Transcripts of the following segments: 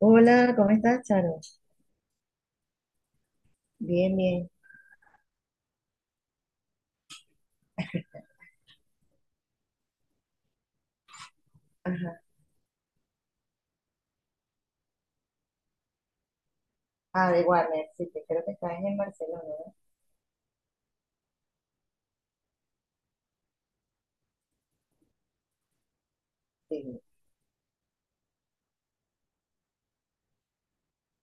Hola, ¿cómo estás, Charo? Bien, bien. Ajá. Ah, de Warner, sí, que creo que estás en Barcelona, ¿no? Sí.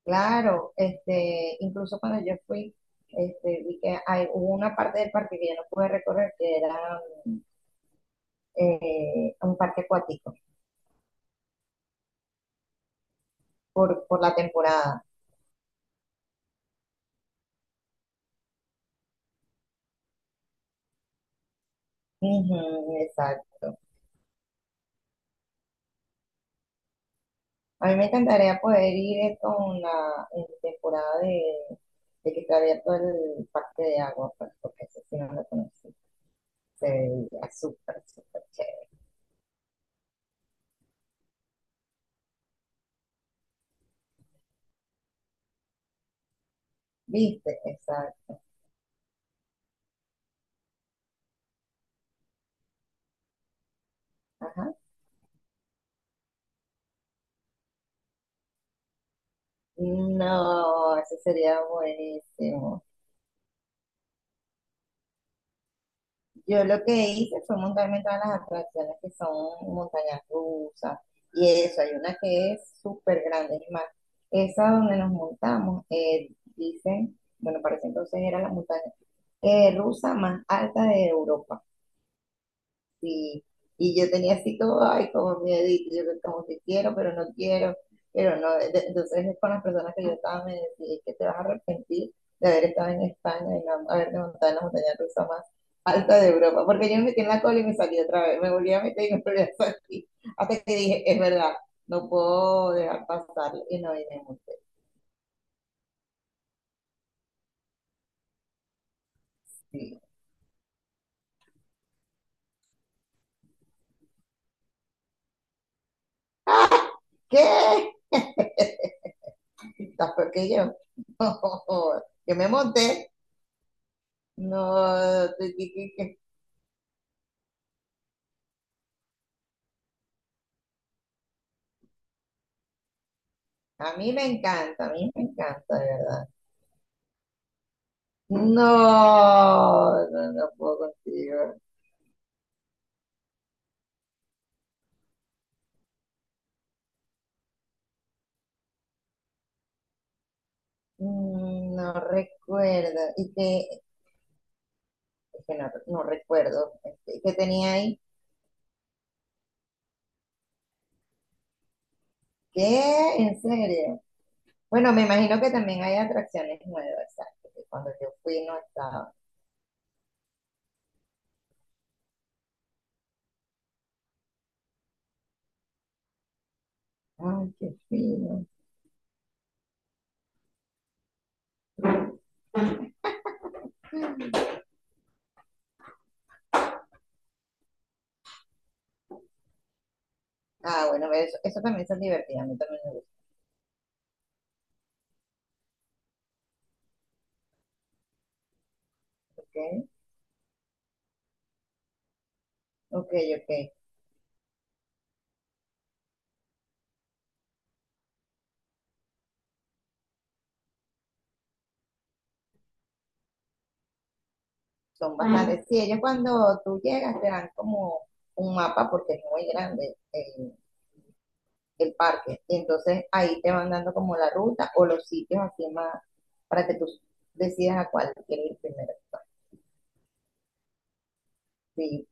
Claro, incluso cuando yo fui, vi que hubo una parte del parque que yo no pude recorrer, que era mm, un parque acuático, por la temporada. Ujú, exacto. A mí me encantaría poder ir con la en temporada de que está abierto el parque de agua, pues, porque ese sí no lo conocí. Se veía súper, súper chévere. ¿Viste? Exacto. Ajá. No, eso sería buenísimo. Yo lo que hice fue montarme en todas las atracciones que son montañas rusas y eso. Hay una que es súper grande, es más, esa donde nos montamos, dicen, bueno, para ese entonces era la montaña rusa más alta de Europa. Sí, y yo tenía así como, ay, como miedito, yo como que quiero, pero no, entonces es con las personas que yo estaba me decía "Es que te vas a arrepentir de haber estado en España y no haberte montado en la montaña rusa más alta de Europa, porque yo me metí en la cola y me salí otra vez, me volví a meter y me volví a salir, hasta que dije, es verdad, no puedo dejar pasarlo, y no, y me monté, sí. ¿Qué? ¿Estás peor que yo? Yo me monté, no. A mí me encanta, a mí me encanta, de verdad. No, no, no puedo contigo. No recuerdo. Es que no recuerdo. ¿Qué tenía ahí? ¿Qué? ¿En serio? Bueno, me imagino que también hay atracciones nuevas, exacto, que cuando yo fui no estaba. Ay, qué fino. Ah, bueno, eso también son divertidas, a mí también me gusta. Ok, ok, ok. Son Ah, bastantes. Sí, ellos cuando tú llegas te dan como un mapa porque es muy grande el parque. Y entonces ahí te van dando como la ruta o los sitios así más para que tú decidas a cuál quieres ir primero. Sí.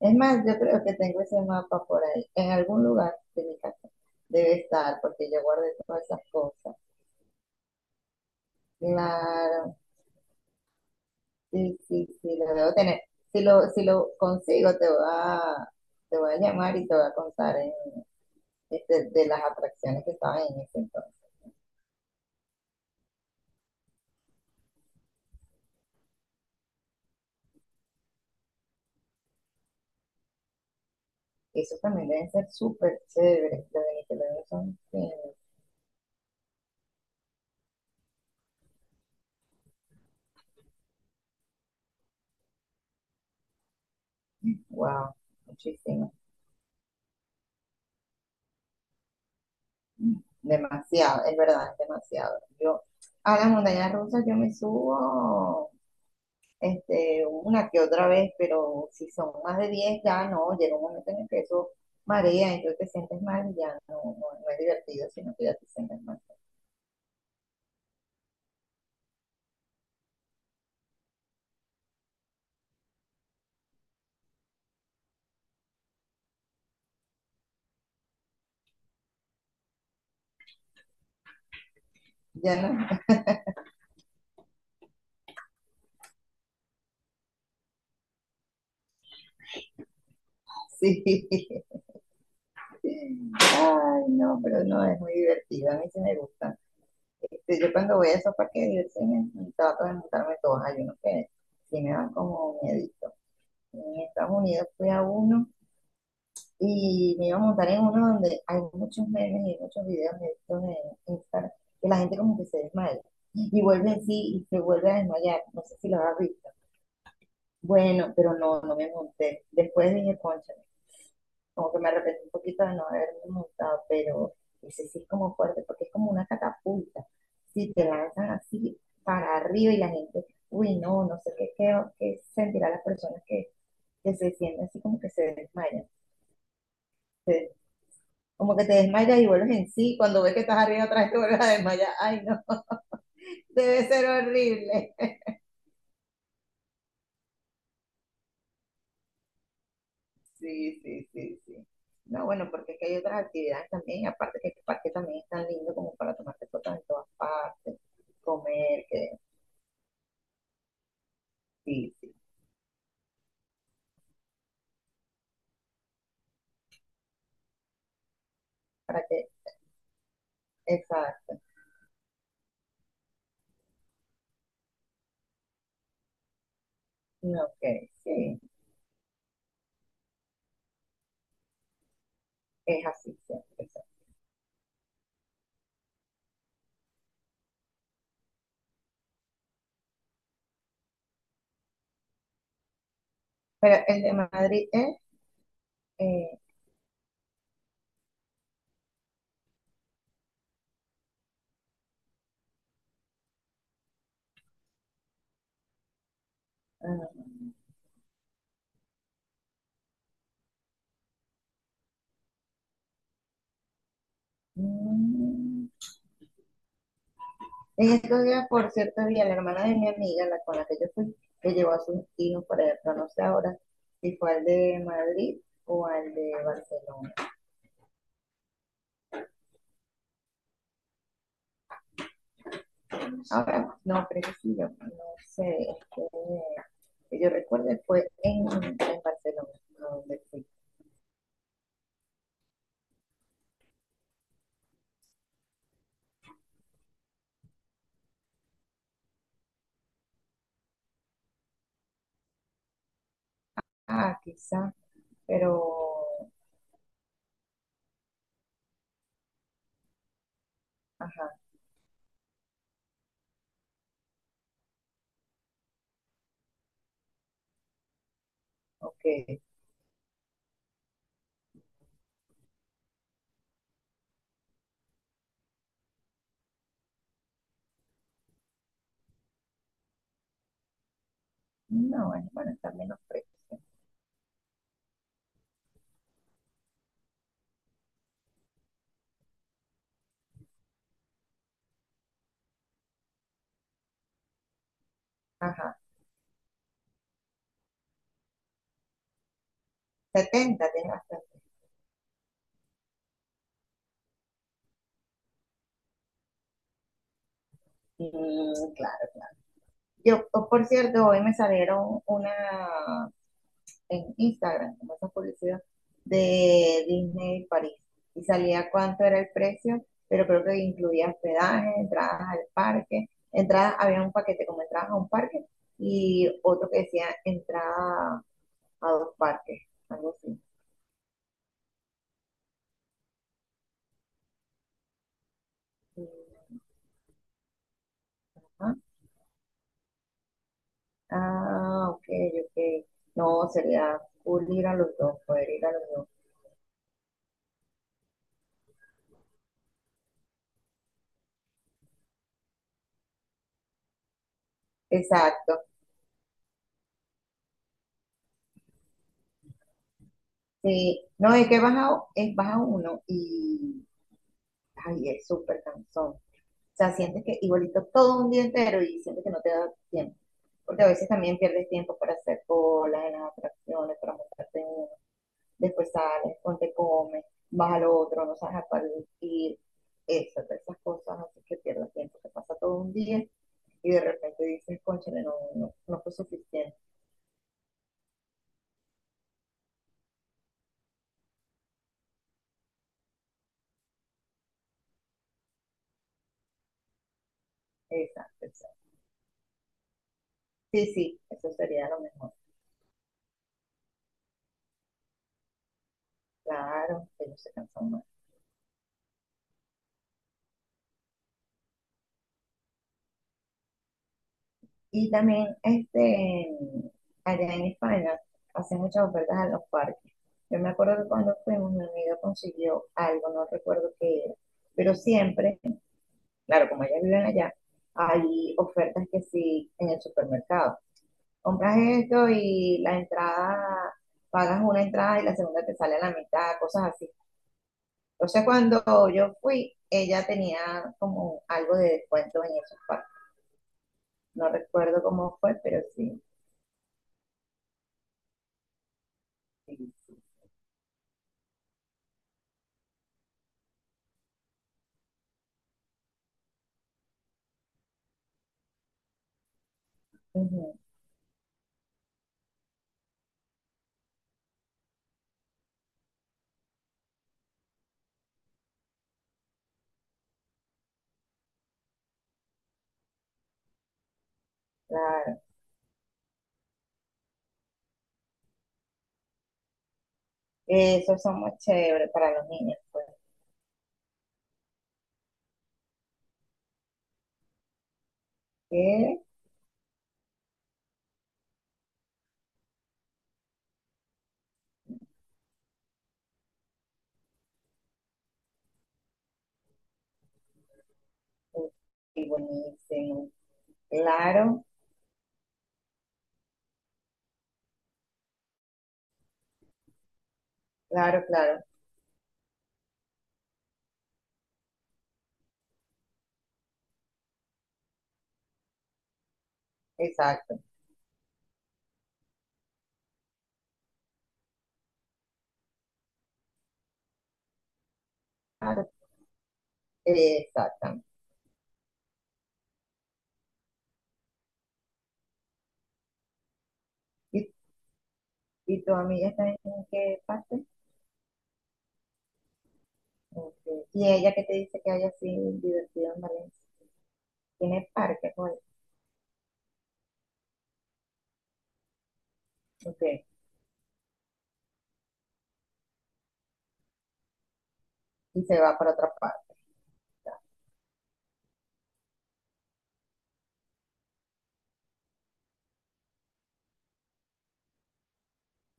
Es más, yo creo que tengo ese mapa por ahí, en algún lugar de mi casa. Debe estar, porque yo guardé todas esas cosas. Claro, sí, sí, sí, lo debo tener. Si lo consigo, te voy a llamar y te voy a contar de las atracciones que estaban en ese entonces. Eso también deben ser súper chéveres, los venezolanos son genios. Wow, muchísimo. Demasiado, es verdad, es demasiado. Yo a las montañas rusas yo me subo una que otra vez, pero si son más de 10 ya no, llega un momento en el que eso marea, entonces te sientes mal y ya no, no, no es divertido, sino que ya te sientes mal. Ya no. Sí. Ay, no, pero no, es muy divertido, a mí sí me gusta. Yo cuando voy a esos parques de diversiones trato de montarme todas, hay unos que sí me dan como miedo en Estados Unidos fui a uno y me iba a montar en uno donde hay muchos memes y muchos videos de estos en Instagram que la gente como que se desmaya y vuelve en sí y se vuelve a desmayar. No sé si lo has visto. Bueno, pero no, no me monté. Después dije, concha, como que me arrepentí un poquito de no haberme montado, pero ese sí es como fuerte porque es como una catapulta. Si te lanzan así para arriba y la gente, uy, no, no sé qué sentirá las personas que se sienten así como que se desmayan. Se Como que te desmayas y vuelves en sí. Cuando ves que estás arriba otra vez te vuelves a desmayar. Ay, no. Debe ser horrible. Sí, sí, sí, sí. No, bueno, porque es que hay otras actividades también. Aparte que el parque también es tan lindo como para tomarte fotos en todas partes. Comer, que sí, sí. Para que, exacto. No, ok, sí. Es así siempre. Exacto. Pero el de Madrid es... eh, ah, mm, en estos días, por cierto, vi a la hermana de mi amiga, la con la que yo fui, que llevó a sus hijos para allá, pero no sé ahora si fue al de Madrid o al de Barcelona. Ahora, no, pero sí, yo no sé, este, que yo recuerdo fue en Barcelona, donde fui. Ah, quizá, pero, ajá, ok. No, es bueno, está menos precio. Ajá, 70 tiene bastante. Mm, claro, claro. Yo, oh, por cierto, hoy me salieron una en Instagram, como esa publicidad de Disney París. Y salía cuánto era el precio, pero creo que incluía hospedaje, entradas al parque, entradas, había un paquete como entradas a un parque y otro que decía entrada a dos parques, algo así. Y, Ajá. Ah, ok, ok. No, sería cool ir a los dos, poder ir a los dos. Exacto. Sí, no, es baja uno y ay, es súper cansón. O sea, sientes que igualito todo un día entero y sientes que no te da tiempo. Porque a veces también pierdes tiempo para hacer colas en las atracciones, para montarte en uno. Después sales, ponte comes, vas al otro, no sabes a cuál ir. Eso, todas esas cosas así que pierdes tiempo. Te pasa todo un día y de repente dices, cónchale, no, no, no fue suficiente. Exacto, exacto. Sí, sí, eso sería lo mejor. Claro, ellos se cansan más. Y también, allá en España, hacen muchas ofertas a los parques. Yo me acuerdo que cuando fuimos, mi amiga consiguió algo, no recuerdo qué era, pero siempre, claro, como ellas viven allá, hay ofertas que sí en el supermercado. Compras esto y la entrada, pagas una entrada y la segunda te sale a la mitad, cosas así. Entonces, cuando yo fui, ella tenía como algo de descuento en esos parques. No recuerdo cómo fue, pero sí. Sí, sí. Ujú, claro. Esos son muy chéveres para los niños, pues. ¿Qué? Uf. Y buenísimo. Claro, claro, claro. Exacto. Claro. Exactamente. ¿Y, y tu amiga está en qué parte? Ok. ¿Y ella qué te dice que hay así divertido en Valencia? Tiene parque, pues. Ok. Y se va para otra parte.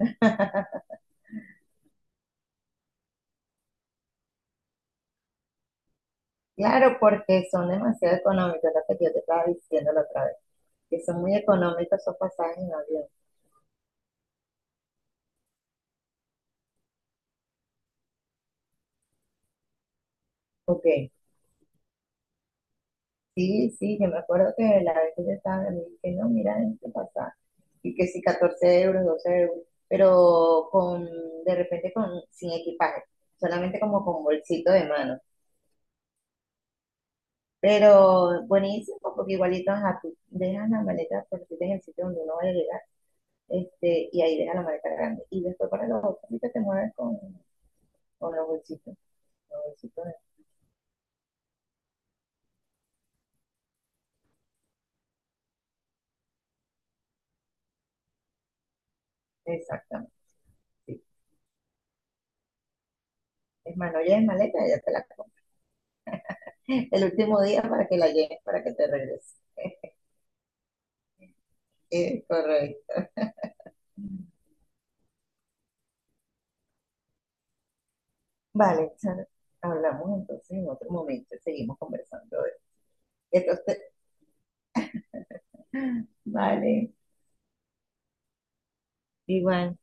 Claro, porque son demasiado económicos, lo que yo te estaba diciendo la otra vez. Que son muy económicos esos pasajes en avión. Ok, sí, sí, yo me acuerdo que la vez que yo estaba, me dije, no, mira este pasaje, y que sí, 14 euros, 12 euros, pero de repente con, sin equipaje, solamente como con bolsito de mano. Pero buenísimo, porque igualito ajá, tú dejas la maleta por si en el sitio donde uno va a llegar, y ahí dejas la maleta grande. Y después para los otros sí que te mueves con los bolsitos. Los bolsitos, exactamente. Sí. Es más, no lleves maleta, ya te la el último día para que la lleves, para que te regrese. Correcto. Vale, Charo, hablamos entonces en otro momento, seguimos conversando. Entonces, vale, igual.